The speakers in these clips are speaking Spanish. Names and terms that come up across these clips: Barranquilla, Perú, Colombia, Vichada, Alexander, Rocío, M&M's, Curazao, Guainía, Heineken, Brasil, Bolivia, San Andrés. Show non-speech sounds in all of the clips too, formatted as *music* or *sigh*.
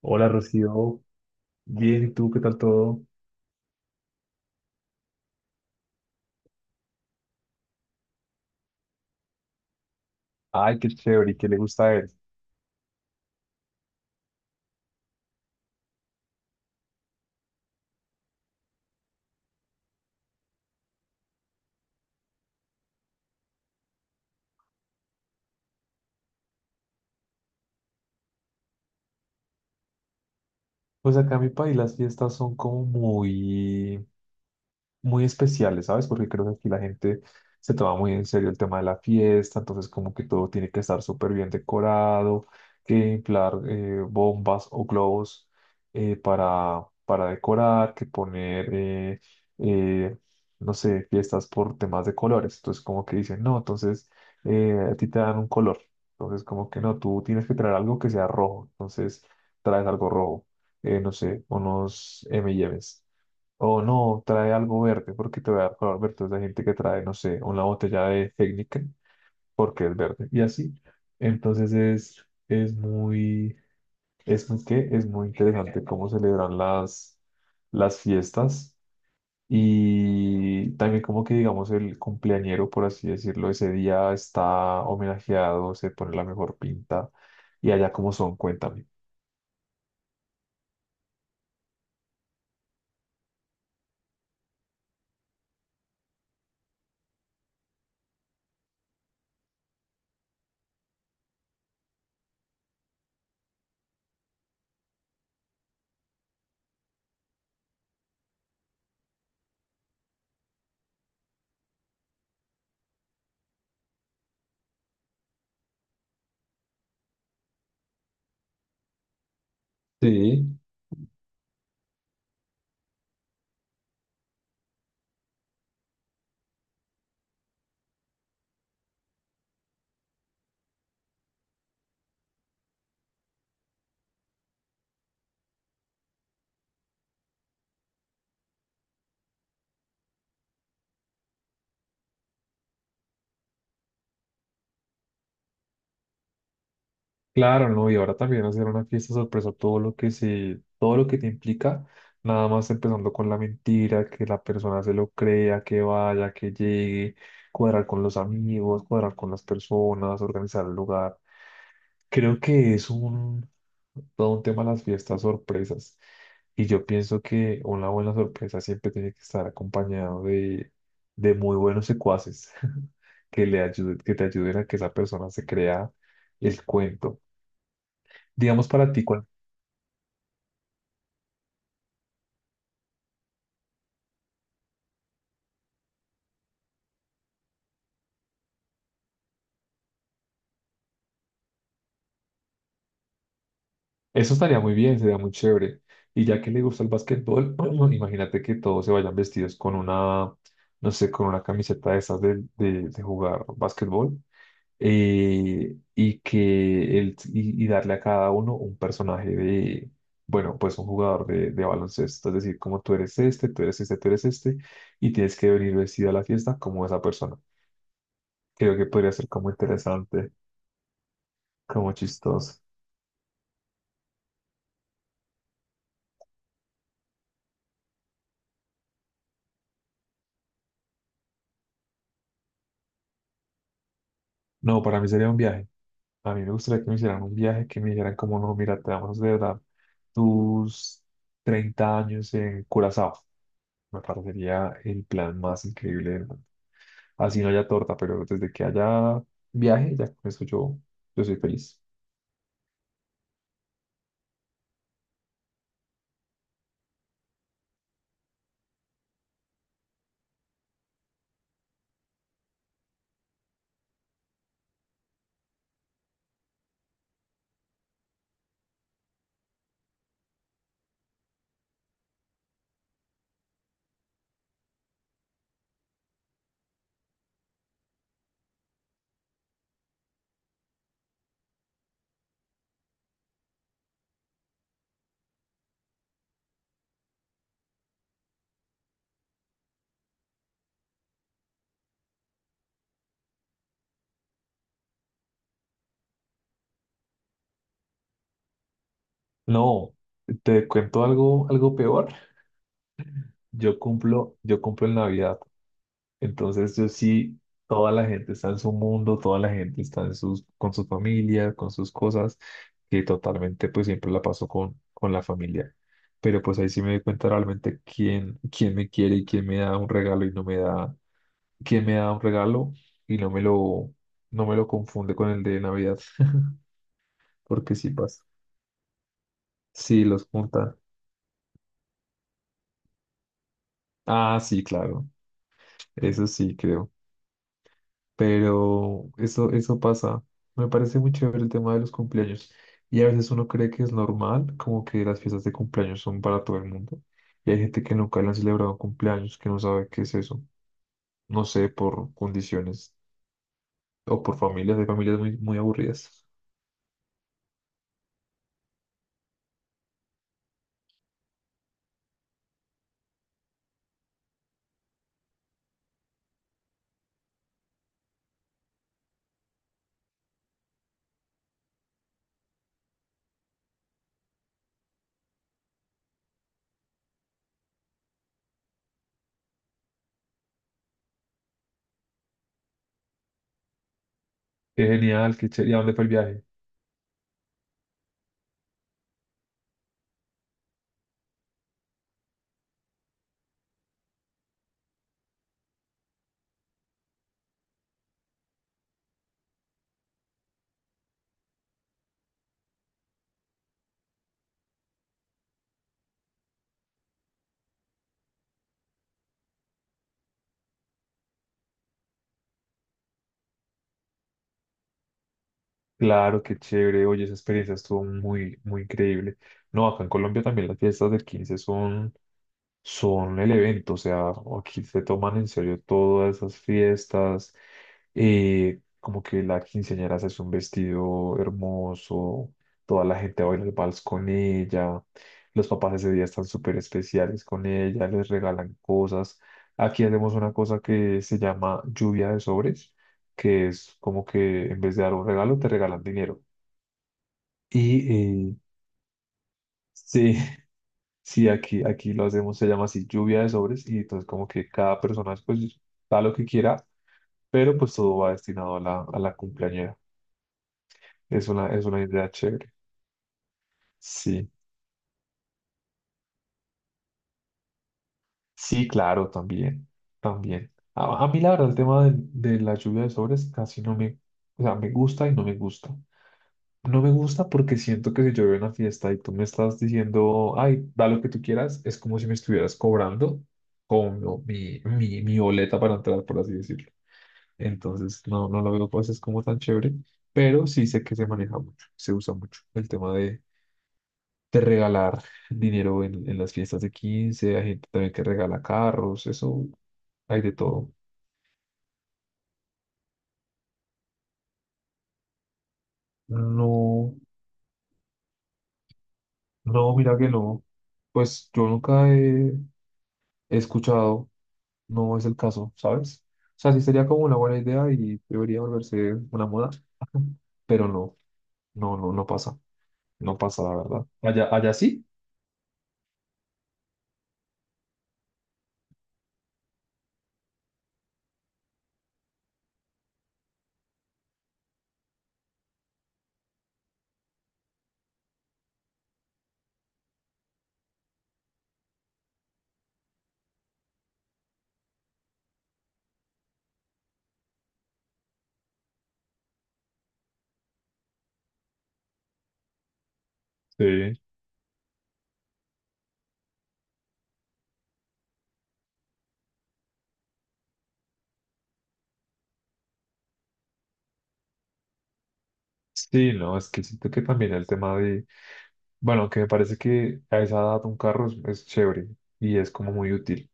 Hola Rocío, bien, ¿y tú qué tal todo? Ay, qué chévere, ¿y qué le gusta a él? Pues acá en mi país las fiestas son como muy, muy especiales, ¿sabes? Porque creo que aquí la gente se toma muy en serio el tema de la fiesta, entonces como que todo tiene que estar súper bien decorado, que inflar bombas o globos para decorar, que poner, eh, no sé, fiestas por temas de colores. Entonces como que dicen, no, entonces a ti te dan un color. Entonces como que no, tú tienes que traer algo que sea rojo. Entonces traes algo rojo, no sé, unos M&M's. O no, trae algo verde, porque te voy a dar color verde. Entonces hay gente que trae, no sé, una botella de Heineken, porque es verde. Y así. Entonces es muy, ¿qué? Es muy interesante cómo celebran las fiestas. Y también como que, digamos, el cumpleañero, por así decirlo, ese día está homenajeado, se pone la mejor pinta. Y allá como son, cuéntame. Sí. Claro, no, y ahora también hacer una fiesta sorpresa, todo lo que te implica, nada más empezando con la mentira, que la persona se lo crea, que vaya, que llegue, cuadrar con los amigos, cuadrar con las personas, organizar el lugar. Creo que todo un tema las fiestas sorpresas. Y yo pienso que una buena sorpresa siempre tiene que estar acompañado de muy buenos secuaces *laughs* que le ayuden, que te ayuden a que esa persona se crea el cuento. Digamos para ti, ¿cuál? Eso estaría muy bien, sería muy chévere. Y ya que le gusta el básquetbol, *clears throat* imagínate que todos se vayan vestidos con una, no sé, con una camiseta de esas de jugar básquetbol, y darle a cada uno un personaje de, bueno, pues un jugador de baloncesto. Es decir, como tú eres este, tú eres este, tú eres este, y tienes que venir vestido a la fiesta como esa persona. Creo que podría ser como interesante, como chistoso. No, para mí sería un viaje. A mí me gustaría que me hicieran un viaje, que me dijeran como, no, mira, te vamos a celebrar tus 30 años en Curazao. Me parecería el plan más increíble del mundo. Así no haya torta, pero desde que haya viaje, ya con eso yo soy feliz. No, te cuento algo, algo peor. Yo cumplo en Navidad. Entonces, yo sí, toda la gente está en su mundo, toda la gente está con su familia, con sus cosas, que totalmente pues siempre la paso con la familia. Pero pues ahí sí me doy cuenta realmente quién me quiere y quién me da un regalo y no me da, quién me da un regalo y no me lo confunde con el de Navidad, *laughs* porque sí pasa. Sí, los juntan. Ah, sí, claro. Eso sí, creo. Pero eso pasa. Me parece muy chévere el tema de los cumpleaños. Y a veces uno cree que es normal, como que las fiestas de cumpleaños son para todo el mundo. Y hay gente que nunca le han celebrado cumpleaños, que no sabe qué es eso. No sé, por condiciones o por familias. Hay familias muy, muy aburridas. Qué genial, qué chévere. ¿Y a dónde fue el viaje? Claro, qué chévere. Oye, esa experiencia estuvo muy, muy increíble. No, acá en Colombia también las fiestas del 15 son el evento, o sea, aquí se toman en serio todas esas fiestas, como que la quinceañera se hace un vestido hermoso, toda la gente baila el vals con ella, los papás ese día están súper especiales con ella, les regalan cosas. Aquí hacemos una cosa que se llama lluvia de sobres, que es como que en vez de dar un regalo te regalan dinero. Y sí, *laughs* sí, aquí lo hacemos, se llama así lluvia de sobres y entonces como que cada persona pues da lo que quiera, pero pues todo va destinado a la, cumpleañera. Es una idea chévere. Sí, sí, claro, también, también. A mí la verdad el tema de la lluvia de sobres casi no me, o sea, me gusta y no me gusta. No me gusta porque siento que si yo voy a una fiesta y tú me estás diciendo, ay, da lo que tú quieras, es como si me estuvieras cobrando como mi, mi boleta para entrar, por así decirlo. Entonces, no, no lo veo pues es como tan chévere, pero sí sé que se maneja mucho, se usa mucho el tema de, regalar dinero en las fiestas de quince. Hay gente también que regala carros, eso hay de todo. No, no, mira que no, pues yo nunca he escuchado, no es el caso, ¿sabes? O sea, sí sería como una buena idea y debería volverse una moda, *laughs* pero no, no, no, no pasa, no pasa la verdad. Allá, allá sí. Sí. Sí, no, es que siento que también el tema de, bueno, aunque me parece que a esa edad un carro es chévere y es como muy útil,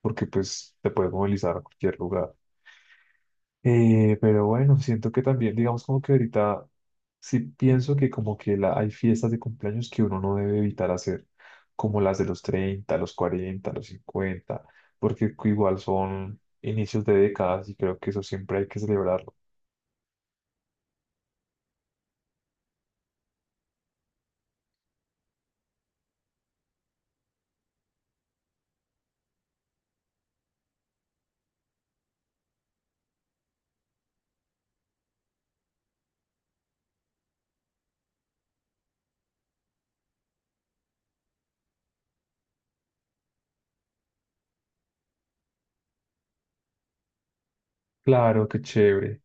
porque pues te puedes movilizar a cualquier lugar. Pero bueno, siento que también, digamos como que ahorita sí pienso que como que hay fiestas de cumpleaños que uno no debe evitar hacer, como las de los 30, los 40, los 50, porque igual son inicios de décadas y creo que eso siempre hay que celebrarlo. Claro, qué chévere.